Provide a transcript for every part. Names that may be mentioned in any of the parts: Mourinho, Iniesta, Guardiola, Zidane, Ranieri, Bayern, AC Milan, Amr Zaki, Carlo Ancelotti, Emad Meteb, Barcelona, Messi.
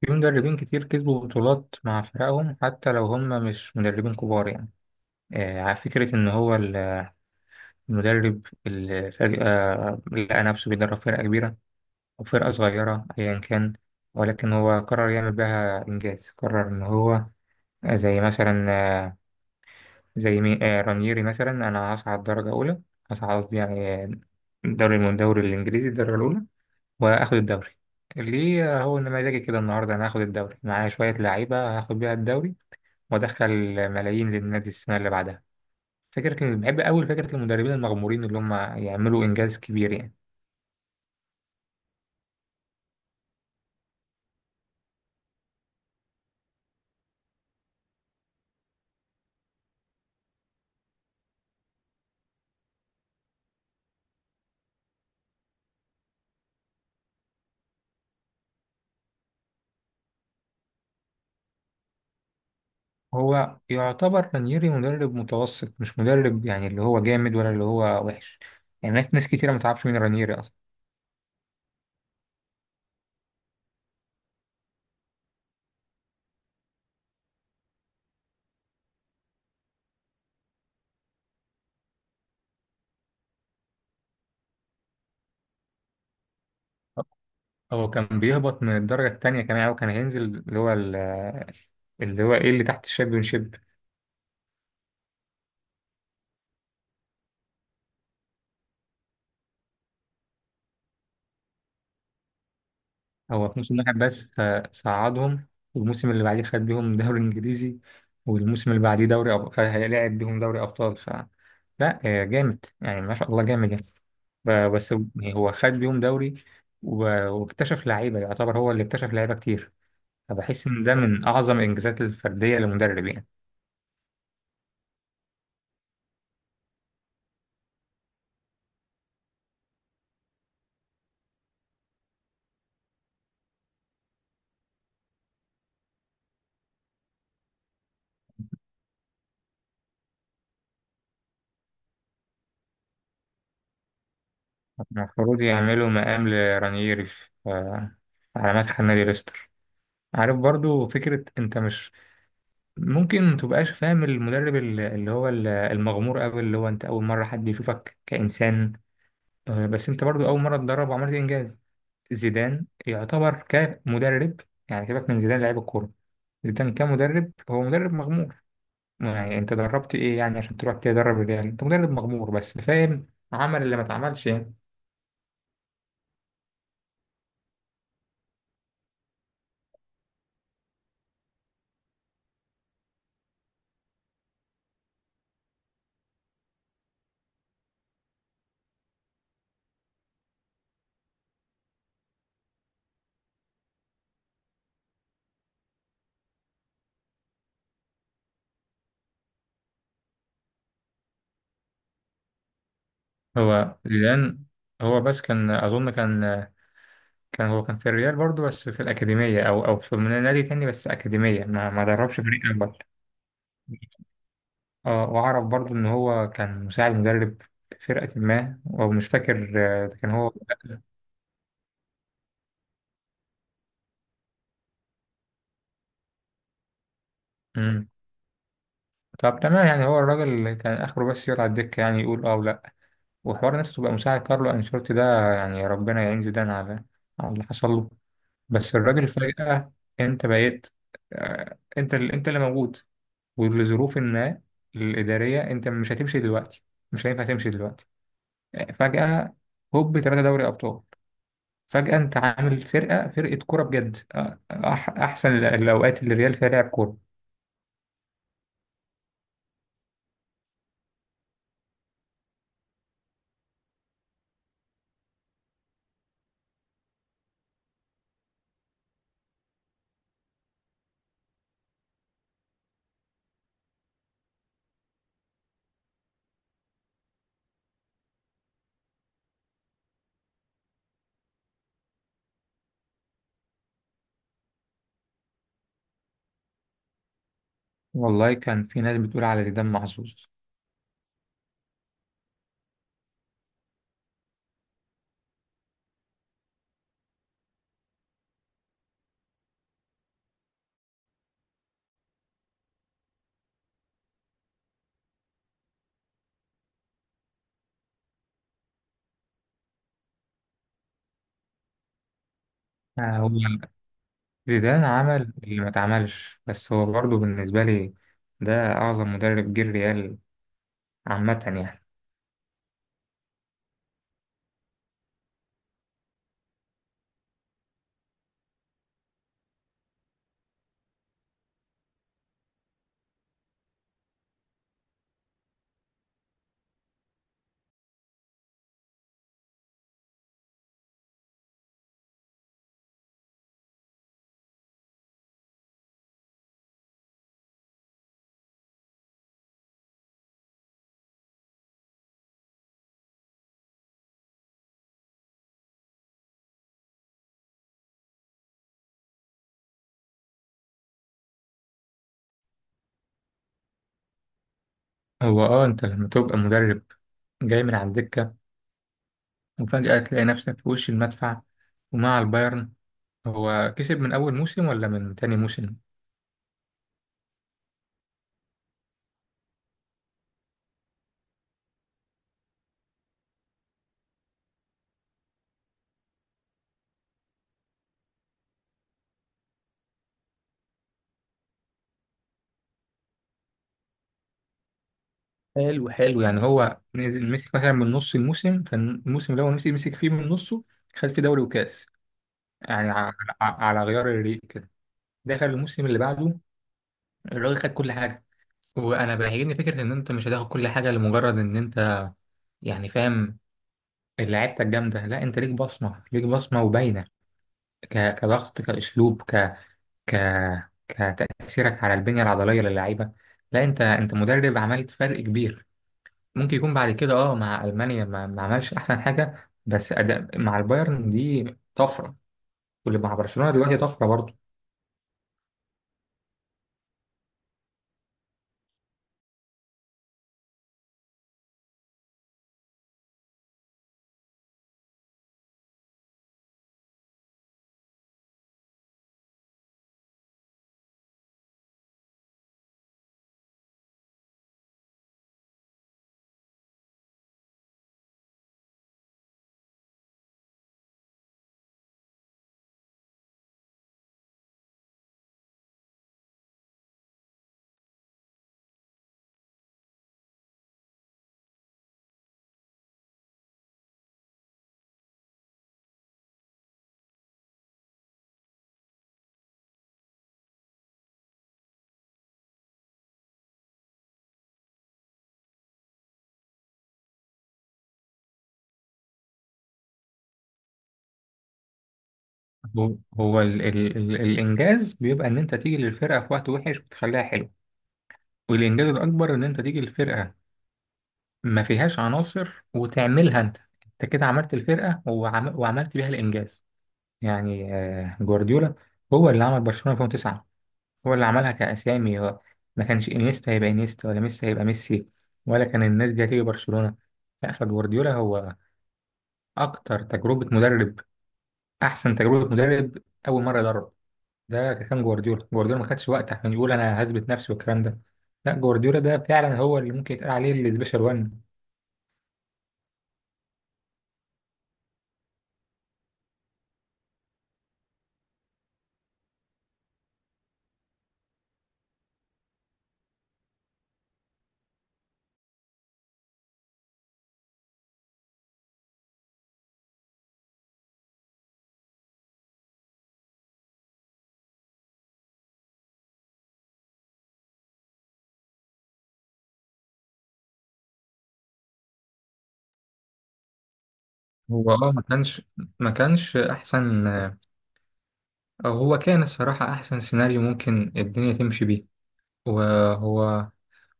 في مدربين كتير كسبوا بطولات مع فرقهم حتى لو هم مش مدربين كبار يعني. على فكرة إن هو المدرب اللي فجأة لقى نفسه بيدرب فرقة كبيرة أو فرقة صغيرة أيا كان، ولكن هو قرر يعمل بها إنجاز، قرر إن هو زي مثلا آه، زي رانييري مثلا. أنا هصعد درجة أولى، هصعد قصدي يعني دوري من الدوري الإنجليزي الدرجة الأولى وآخد الدوري ليه؟ هو إن مزاجي كده النهاردة أنا هاخد الدوري معايا، شوية لعيبة هاخد بيها الدوري وادخل ملايين للنادي السنه اللي بعدها. بحب قوي فكره المدربين المغمورين اللي هم يعملوا انجاز كبير يعني. هو يعتبر رانييري مدرب متوسط، مش مدرب يعني اللي هو جامد ولا اللي هو وحش، يعني ناس كتيره ما تعرفش مين رانييري اصلا. هو كان بيهبط من الدرجه التانية كمان، هو كان هينزل اللي هو ال- اللي هو ايه اللي تحت الشامبيونشيب. هو في موسم واحد بس صعدهم، والموسم اللي بعديه خد بيهم دوري انجليزي، والموسم اللي بعديه فهيلاعب بيهم دوري ابطال ف لا جامد يعني ما شاء الله، جامد يعني. بس يعني هو خد بيهم دوري واكتشف لعيبه، يعتبر هو اللي اكتشف لعيبه كتير، فبحس ان ده من اعظم الانجازات الفرديه للمدرب يعني. المفروض يعملوا مقام لرانييري في على مدح النادي ليستر. عارف برضو فكره انت مش ممكن ما تبقاش فاهم المدرب المغمور قوي، اللي هو انت اول مره حد يشوفك كانسان، بس انت برضو اول مره تدرب وعملت انجاز. زيدان يعتبر كمدرب، يعني سيبك من زيدان لعيب الكوره، زيدان كمدرب هو مدرب مغمور. يعني انت دربت ايه يعني عشان تروح تدرب الريال؟ انت مدرب مغمور بس فاهم، عمل اللي ما اتعملش يعني. هو زيدان هو بس كان اظن كان، كان هو كان في الريال برضو بس في الاكاديميه او في نادي تاني بس اكاديميه، ما دربش فريق اول. اه واعرف برضو ان هو كان مساعد مدرب في فرقة ما ومش فاكر. كان هو. مم. طب تمام، يعني هو الراجل كان اخره بس يقعد على الدكة يعني، يقول اه ولا، وحوار الناس تبقى مساعد كارلو انشيلوتي ده، يعني ربنا يعين زيدان على على اللي حصل له. بس الراجل فجأة انت بقيت، انت اللي موجود ولظروف ما الإدارية انت مش هتمشي دلوقتي، مش هينفع تمشي دلوقتي. فجأة هوب ثلاثة دوري ابطال، فجأة انت عامل فرقة كورة بجد. احسن الاوقات اللي الريال فيها لعب كورة. والله كان في ناس بتقول على زيدان محظوظ. هو زيدان عمل اللي ما اتعملش، بس هو برضه بالنسبة لي ده اعظم مدرب جه الريال عامة يعني. هو اه انت لما تبقى مدرب جاي من على الدكة وفجأة تلاقي نفسك في وش المدفع ومع البايرن، هو كسب من اول موسم ولا من تاني موسم؟ حلو حلو، يعني هو نزل مسك مثلا من نص الموسم، كان الموسم اللي هو مسك فيه من نصه خد فيه دوري وكاس، يعني على، على غيار الريق كده، دخل الموسم اللي بعده الراجل خد كل حاجه. وانا بيعجبني فكره ان انت مش هتاخد كل حاجه لمجرد ان انت، يعني فاهم، لعيبتك جامده. لا، انت ليك بصمه، ليك بصمه وباينه كضغط، كاسلوب، ك ك كتاثيرك على البنيه العضليه للعيبه. لا، انت مدرب عملت فرق كبير. ممكن يكون بعد كده اه مع المانيا ما عملش احسن حاجه، بس أداء مع البايرن دي طفره، واللي مع برشلونه دلوقتي طفره برضه. هو, هو ال الانجاز بيبقى ان انت تيجي للفرقه في وقت وحش وتخليها حلو، والانجاز الاكبر ان انت تيجي للفرقه ما فيهاش عناصر وتعملها انت. انت كده عملت الفرقه وعملت بيها الانجاز. يعني جوارديولا هو اللي عمل برشلونه 2009، هو اللي عملها كأسامي، هو ما كانش انيستا هيبقى انيستا ولا ميسي هيبقى ميسي، ولا كان الناس دي هتيجي برشلونة. لا، فجوارديولا هو أكتر تجربة مدرب أحسن تجربة مدرب، أول مرة يدرب. ده كان جوارديولا. ما خدش وقت عشان يقول أنا هثبت نفسي والكلام ده، لا جوارديولا ده فعلا هو اللي ممكن يتقال عليه السبيشال وان. هو اه ما كانش احسن، أو هو كان الصراحة احسن سيناريو ممكن الدنيا تمشي بيه. وهو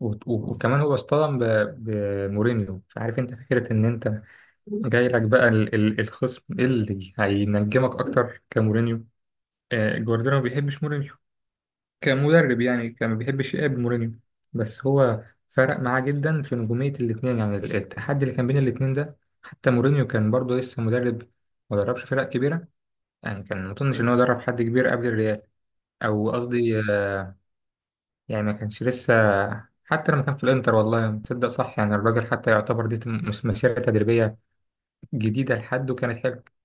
وكمان هو اصطدم بمورينيو، فعارف انت فكرة ان انت جاي لك بقى الخصم اللي هينجمك اكتر كمورينيو. جوارديولا ما بيحبش مورينيو كمدرب، يعني كان ما بيحبش يقابل مورينيو. بس هو فرق معاه جدا في نجومية الاتنين، يعني التحدي اللي كان بين الاتنين ده، حتى مورينيو كان برضه لسه مدرب، ما دربش فرق كبيرة، يعني كان ما اظنش ان هو درب حد كبير قبل الريال، او قصدي يعني ما كانش لسه. حتى لما كان في الانتر والله تصدق صح، يعني الراجل حتى يعتبر دي مش مسيرة تدريبية جديدة لحد، وكانت حلوة.